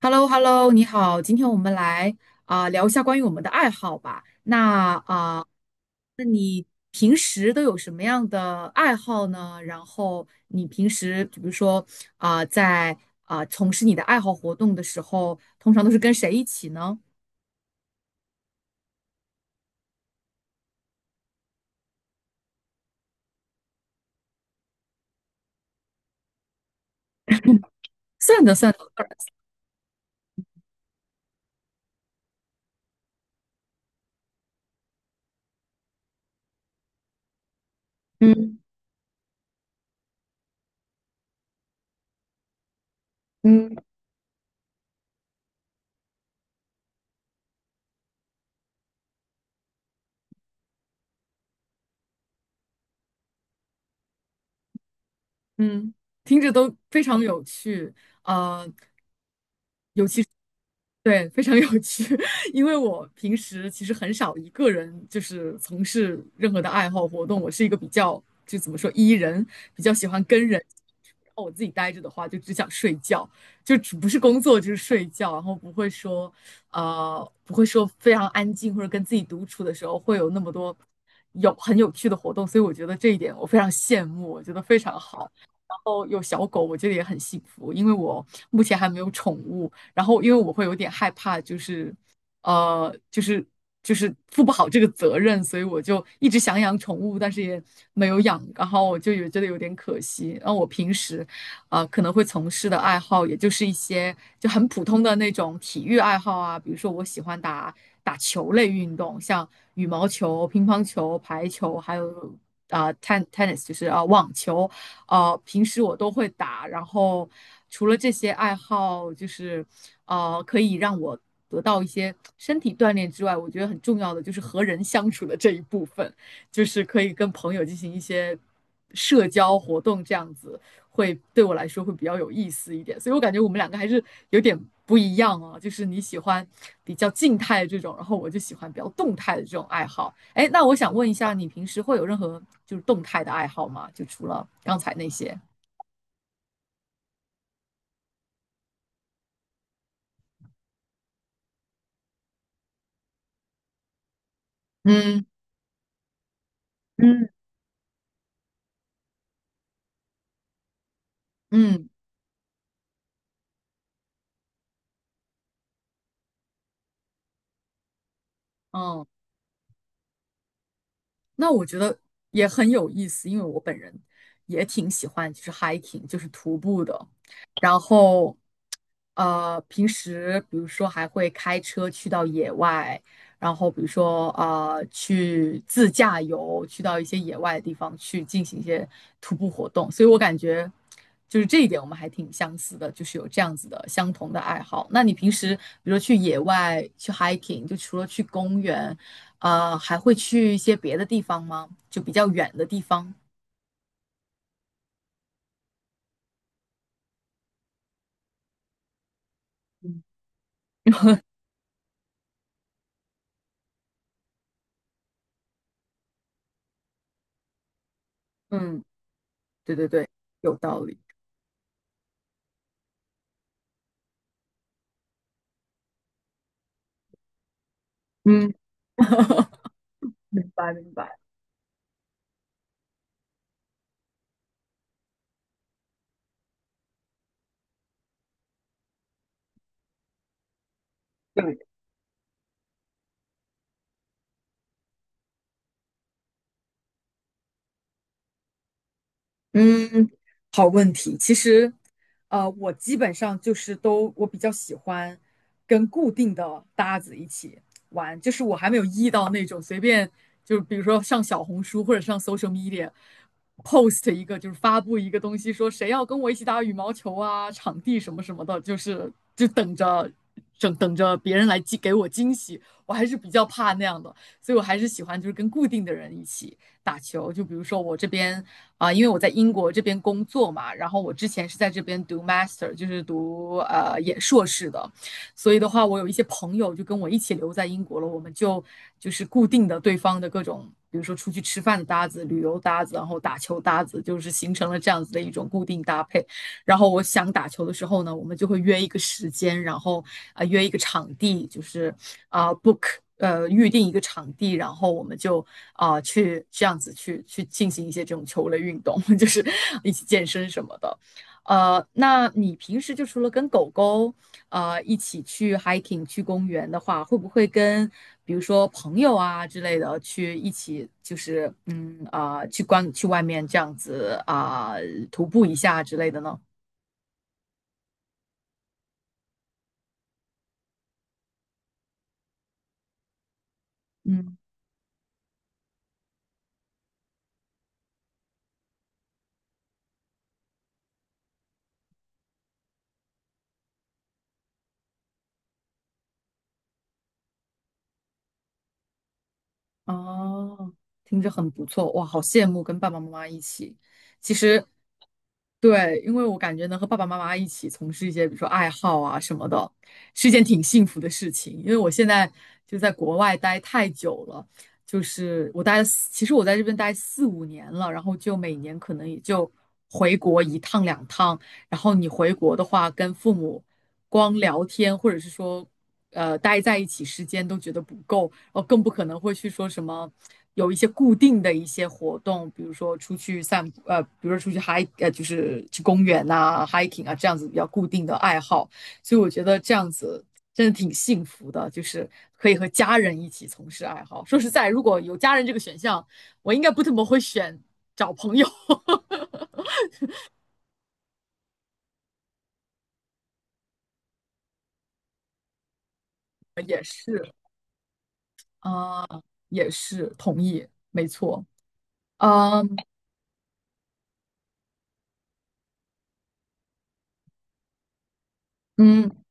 h e l l o h e l l o 你好，今天我们来聊一下关于我们的爱好吧。那平时都有什么样的爱好呢？然后你平时比如说啊、在从事你的爱好活动的时候，通常都是跟谁一起呢？算的算的。嗯嗯嗯，听着都非常有趣。呃，对，非常有趣。因为我平时其实很少一个人就是从事任何的爱好活动，我是一个比较就怎么说 E 人，比较喜欢跟人。然后我自己待着的话，就只想睡觉，就只不是工作就是睡觉，然后不会说非常安静或者跟自己独处的时候会有那么多有很有趣的活动，所以我觉得这一点我非常羡慕，我觉得非常好。哦，有小狗，我觉得也很幸福，因为我目前还没有宠物。然后因为我会有点害怕，呃，就是就是负不好这个责任，所以我就一直想养宠物，但是也没有养。然后我就有觉得有点可惜。然后我平时可能会从事的爱好，也就是一些就很普通的那种体育爱好啊，比如说我喜欢打打球类运动，像羽毛球、乒乓球、排球，还有。啊、t e n tennis 就是网球，平时我都会打，然后除了这些爱好，就是可以让我得到一些身体锻炼之外，我觉得很重要的就是和人相处的这一部分，就是可以跟朋友进行一些社交活动这样子。对我来说会比较有意思一点。所以我感觉我们两个还是有点不一样哦，就是你喜欢比较静态的这种，然后我就喜欢比较动态的这种爱好。哎，那我想问一下，你平时会有任何就是动态的爱好吗？就除了刚才那些？嗯嗯嗯嗯。那我觉得也很有意思，因为我本人也挺喜欢就是 hiking，就是徒步的。然后，平时比如说还会开车去到野外，然后比如说去自驾游，去到一些野外的地方去进行一些徒步活动。所以我感觉就是这一点我们还挺相似的，就是有这样子的相同的爱好。那你平时比如说去野外去 hiking，就除了去公园，还会去一些别的地方吗？就比较远的地方。嗯，嗯，对对对，有道理。嗯，明白明白。嗯，好问题。其实我基本上就是我比较喜欢跟固定的搭子一起玩，就是我还没有遇到那种随便，就比如说上小红书或者上 social media post 一个，就是发布一个东西，说谁要跟我一起打羽毛球啊，场地什么什么的，就是就等着。等着别人来给我惊喜，我还是比较怕那样的，所以我还是喜欢就是跟固定的人一起打球。就比如说我这边因为我在英国这边工作嘛，然后我之前是在这边读 master，就是读也硕士的，所以的话，我有一些朋友就跟我一起留在英国了，我们就是固定的对方的各种，比如说出去吃饭的搭子、旅游搭子，然后打球搭子，就是形成了这样子的一种固定搭配。然后我想打球的时候呢，我们就会约一个时间，然后约一个场地，就是啊、呃 book 预定一个场地，然后我们就去这样子去进行一些这种球类运动，就是一起健身什么的。那你平时就除了跟狗狗一起去 hiking 去公园的话，会不会跟比如说朋友啊之类的去一起，就是去外面这样子徒步一下之类的呢？嗯，哦，听着很不错，哇，好羡慕跟爸爸妈妈一起。其实，对，因为我感觉能和爸爸妈妈一起从事一些，比如说爱好啊什么的，是一件挺幸福的事情。因为我现在就在国外待太久了，就是我待了四，其实我在这边待四五年了，然后就每年可能也就回国一趟两趟。然后你回国的话，跟父母光聊天，或者是说，待在一起时间都觉得不够，然后更不可能会去说什么有一些固定的一些活动，比如说出去散步，比如说出去 hike，就是去公园啊、hiking 啊这样子比较固定的爱好。所以我觉得这样子真的挺幸福的，就是可以和家人一起从事爱好。说实在，如果有家人这个选项，我应该不怎么会找朋友。也是。啊，也是同意，没错。啊，嗯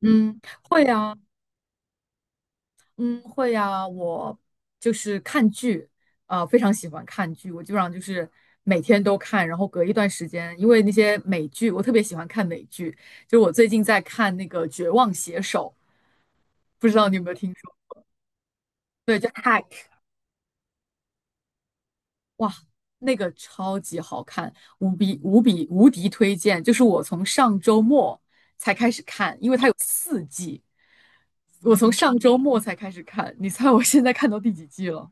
嗯，会呀。嗯，会呀，我就是看剧，非常喜欢看剧，我基本上就是每天都看，然后隔一段时间，因为那些美剧，我特别喜欢看美剧，就是我最近在看那个《绝望写手》，不知道你有没有听说？对，就 Hack，那个超级好看，无比无比无敌推荐！就是我从上周末才开始看，因为它有四季，我从上周末才开始看，你猜我现在看到第几季了？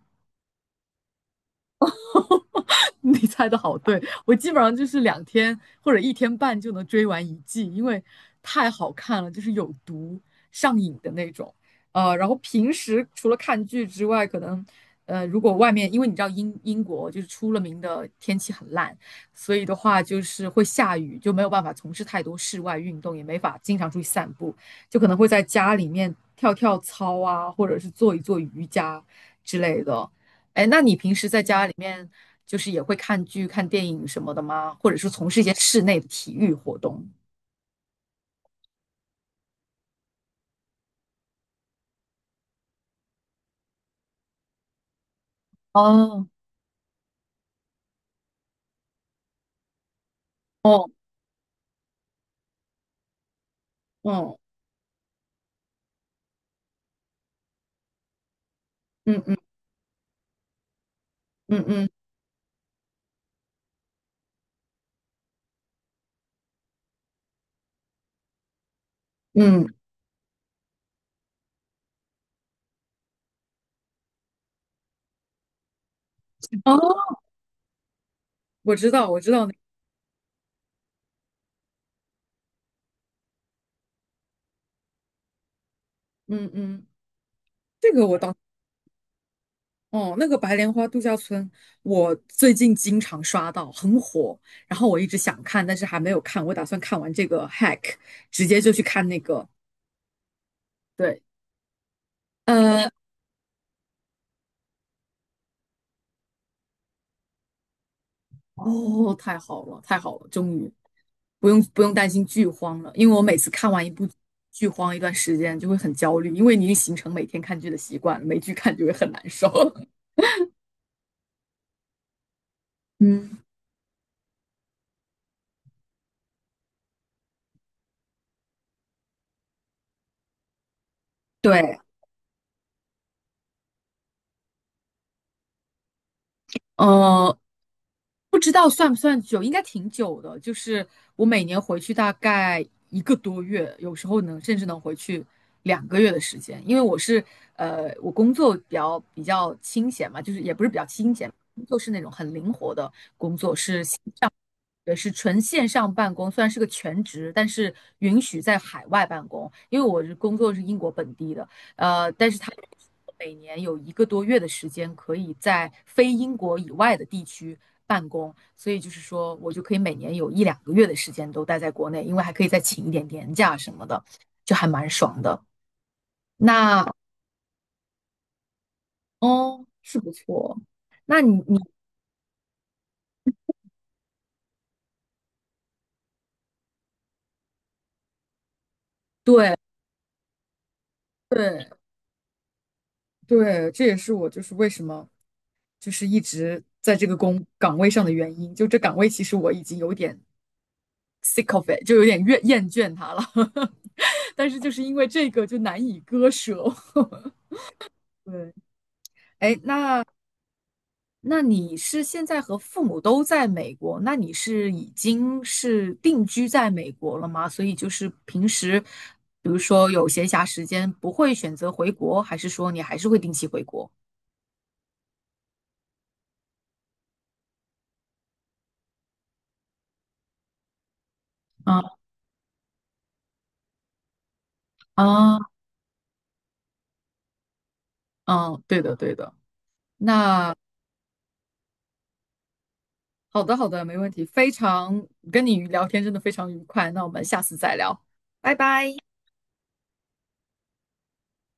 你猜的好对，我基本上就是2天或者1天半就能追完一季，因为太好看了，就是有毒上瘾的那种。然后平时除了看剧之外，可能如果外面因为你知道英国就是出了名的天气很烂，所以的话就是会下雨，就没有办法从事太多室外运动，也没法经常出去散步，就可能会在家里面跳跳操啊，或者是做一做瑜伽之类的。哎，那你平时在家里面就是也会看剧、看电影什么的吗？或者是从事一些室内的体育活动？哦，哦，哦，嗯嗯嗯嗯嗯，哦，我知道，我知道那，嗯嗯，这个我当哦，那个白莲花度假村，我最近经常刷到，很火，然后我一直想看，但是还没有看，我打算看完这个 hack，直接就去看那个，对，呃。哦，太好了，太好了，终于不用担心剧荒了，因为我每次看完一部剧荒一段时间就会很焦虑，因为你已经形成每天看剧的习惯了，没剧看就会很难受。嗯，对，呃，不知道算不算久，应该挺久的，就是我每年回去大概一个多月，有时候甚至能回去两个月的时间，因为我工作比较清闲嘛，就是也不是比较清闲，就是那种很灵活的工作，是。也是纯线上办公，虽然是个全职，但是允许在海外办公。因为我工作是英国本地的，但是他允许我每年有一个多月的时间可以在非英国以外的地区办公，所以就是说我就可以每年有一两个月的时间都待在国内，因为还可以再请一点年假什么的，就还蛮爽的。那哦，是不错。那你对对对，这也是我就是为什么，就是一直在这个工岗位上的原因。就这岗位，其实我已经有点 sick of it，就有点厌倦它了。但是就是因为这个，就难以割舍。对，哎，那你是现在和父母都在美国？那你是已经是定居在美国了吗？所以就是平时，比如说有闲暇时间，不会选择回国，还是说你还是会定期回国？啊啊，嗯，对的，对的。那好的，好的，没问题。非常跟你聊天真的非常愉快，那我们下次再聊。